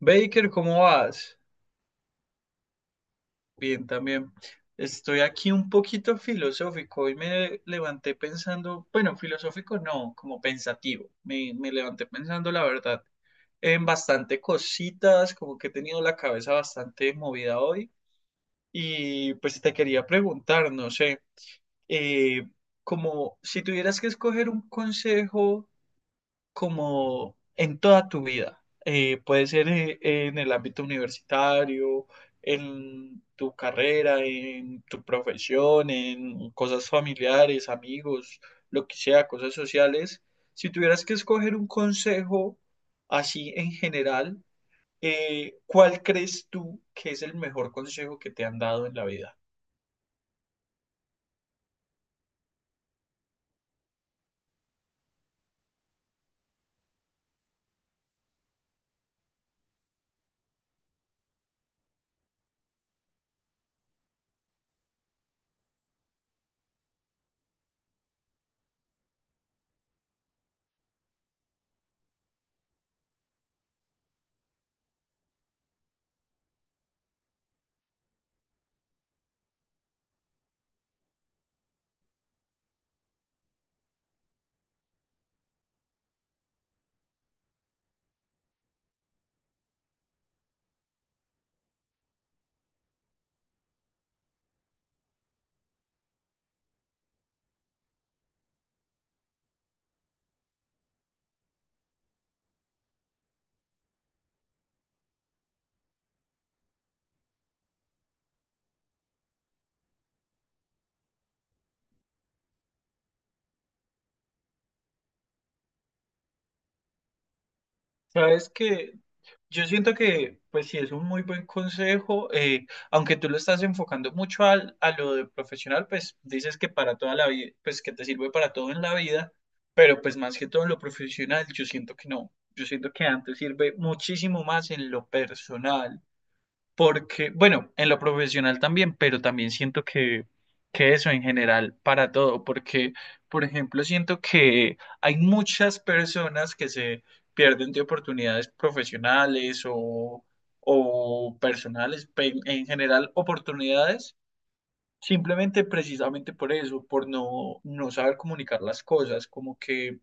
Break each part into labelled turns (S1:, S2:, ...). S1: Baker, ¿cómo vas? Bien, también. Estoy aquí un poquito filosófico. Hoy me levanté pensando, bueno, filosófico no, como pensativo. Me levanté pensando, la verdad, en bastante cositas, como que he tenido la cabeza bastante movida hoy. Y pues te quería preguntar, no sé, eh, como si tuvieras que escoger un consejo, como en toda tu vida. Puede ser en el ámbito universitario, en tu carrera, en tu profesión, en cosas familiares, amigos, lo que sea, cosas sociales. Si tuvieras que escoger un consejo así en general, ¿cuál crees tú que es el mejor consejo que te han dado en la vida? Sabes que yo siento que, pues sí, es un muy buen consejo, aunque tú lo estás enfocando mucho a lo de profesional, pues dices que para toda la vida, pues que te sirve para todo en la vida, pero pues más que todo en lo profesional, yo siento que no, yo siento que antes sirve muchísimo más en lo personal. Porque, bueno, en lo profesional también, pero también siento que eso en general para todo, porque, por ejemplo, siento que hay muchas personas que se pierden de oportunidades profesionales o personales, en general oportunidades, simplemente precisamente por eso, por no saber comunicar las cosas, como que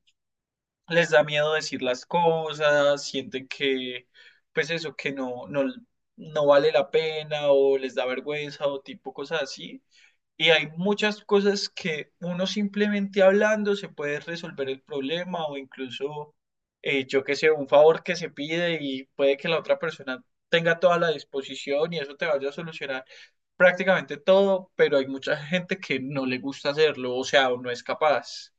S1: les da miedo decir las cosas, sienten que, pues eso, que no vale la pena o les da vergüenza o tipo cosas así. Y hay muchas cosas que uno simplemente hablando se puede resolver el problema o incluso, yo qué sé, un favor que se pide y puede que la otra persona tenga toda la disposición y eso te vaya a solucionar prácticamente todo, pero hay mucha gente que no le gusta hacerlo, o sea, o no es capaz.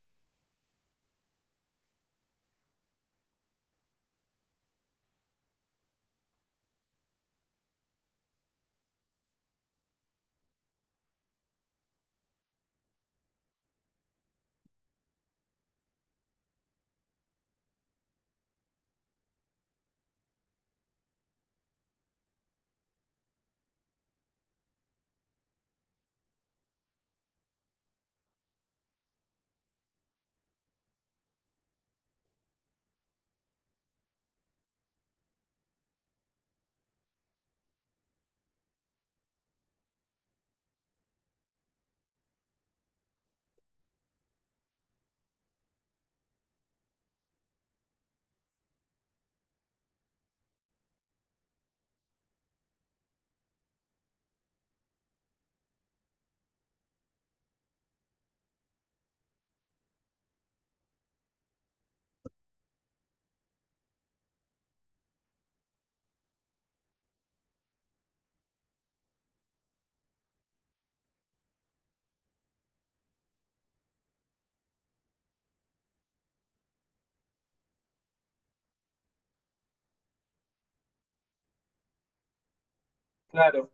S1: Claro.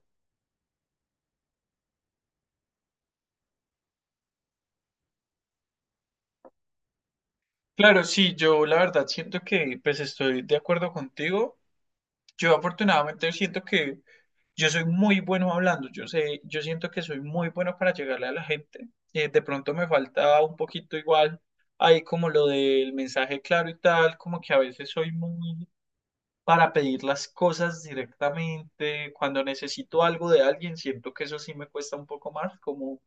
S1: Claro, sí, yo la verdad siento que pues estoy de acuerdo contigo. Yo afortunadamente siento que yo soy muy bueno hablando, yo sé, yo siento que soy muy bueno para llegarle a la gente. De pronto me falta un poquito igual ahí como lo del mensaje claro y tal, como que a veces soy muy para pedir las cosas directamente. Cuando necesito algo de alguien, siento que eso sí me cuesta un poco más, como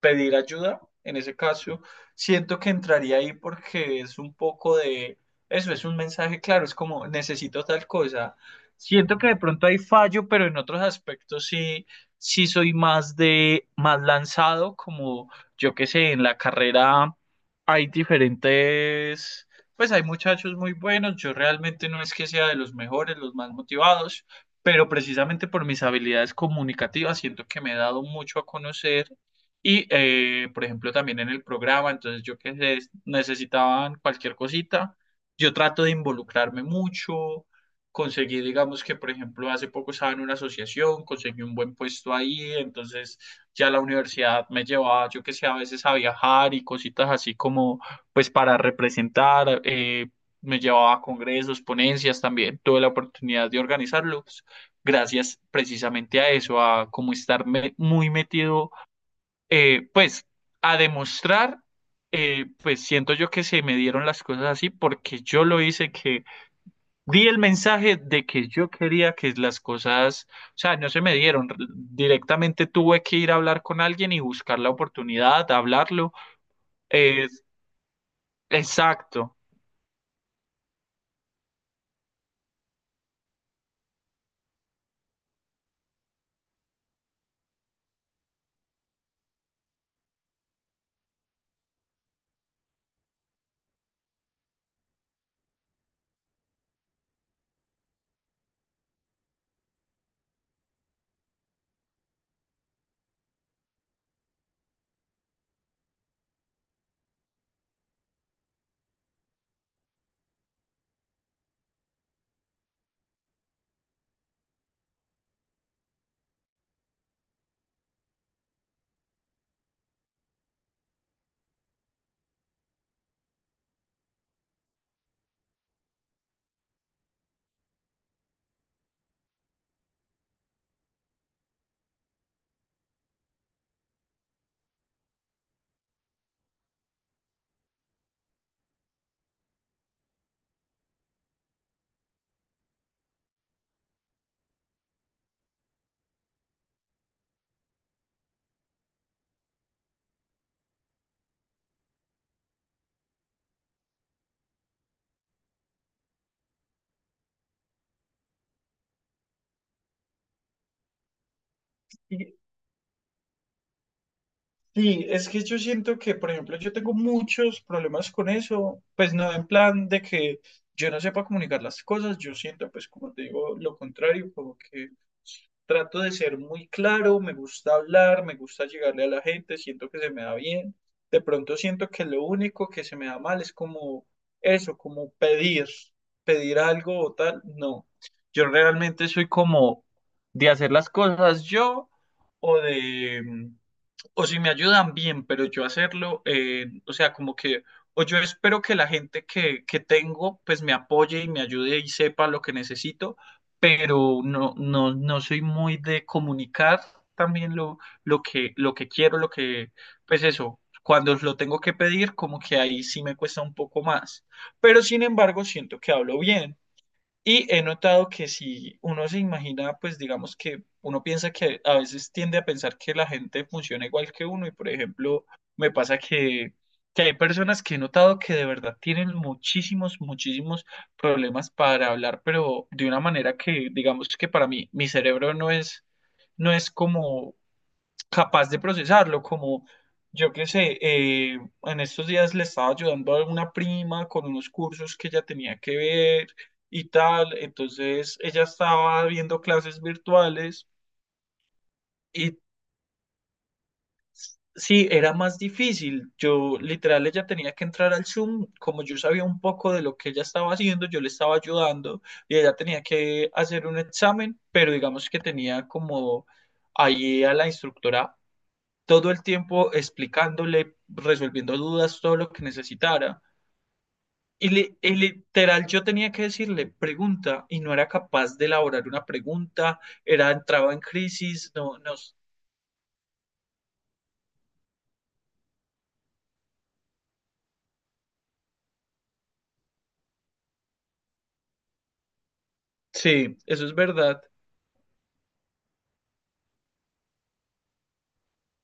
S1: pedir ayuda. En ese caso, siento que entraría ahí porque es un poco de eso, es un mensaje claro, es como necesito tal cosa. Siento que de pronto hay fallo, pero en otros aspectos sí, sí soy más más lanzado, como yo qué sé. En la carrera hay diferentes, pues hay muchachos muy buenos, yo realmente no es que sea de los mejores, los más motivados, pero precisamente por mis habilidades comunicativas siento que me he dado mucho a conocer y, por ejemplo, también en el programa. Entonces, yo que sé, necesitaban cualquier cosita, yo trato de involucrarme mucho, conseguí, digamos que, por ejemplo, hace poco estaba en una asociación, conseguí un buen puesto ahí, entonces ya la universidad me llevaba, yo que sé, a veces a viajar y cositas así, como pues para representar, me llevaba a congresos, ponencias también, tuve la oportunidad de organizarlos gracias precisamente a eso, a como estar muy metido, eh, pues a demostrar, pues siento yo que se me dieron las cosas así porque yo lo hice, que di el mensaje de que yo quería que las cosas, o sea, no se me dieron, directamente tuve que ir a hablar con alguien y buscar la oportunidad, hablarlo. eh, exacto. Sí, es que yo siento que, por ejemplo, yo tengo muchos problemas con eso, pues no en plan de que yo no sepa comunicar las cosas, yo siento, pues como te digo, lo contrario, como que trato de ser muy claro, me gusta hablar, me gusta llegarle a la gente, siento que se me da bien, de pronto siento que lo único que se me da mal es como eso, como pedir, pedir algo o tal, no, yo realmente soy como de hacer las cosas yo, o de, o si me ayudan bien, pero yo hacerlo, o sea, como que, o yo espero que la gente que tengo, pues me apoye y me ayude y sepa lo que necesito, pero no soy muy de comunicar también lo que quiero, lo que, pues eso, cuando lo tengo que pedir, como que ahí sí me cuesta un poco más, pero sin embargo siento que hablo bien. Y he notado que si uno se imagina, pues digamos que uno piensa que a veces tiende a pensar que la gente funciona igual que uno, y por ejemplo me pasa que hay personas que he notado que de verdad tienen muchísimos, muchísimos problemas para hablar, pero de una manera que digamos que para mí mi cerebro no es, no es como capaz de procesarlo, como yo qué sé, en estos días le estaba ayudando a una prima con unos cursos que ella tenía que ver y tal, entonces ella estaba viendo clases virtuales y sí, era más difícil, yo literal, ella tenía que entrar al Zoom, como yo sabía un poco de lo que ella estaba haciendo, yo le estaba ayudando y ella tenía que hacer un examen, pero digamos que tenía como... Ahí a la instructora todo el tiempo explicándole, resolviendo dudas, todo lo que necesitara. Y, y literal, yo tenía que decirle pregunta y no era capaz de elaborar una pregunta, era, entraba en crisis, no, no. Sí, eso es verdad.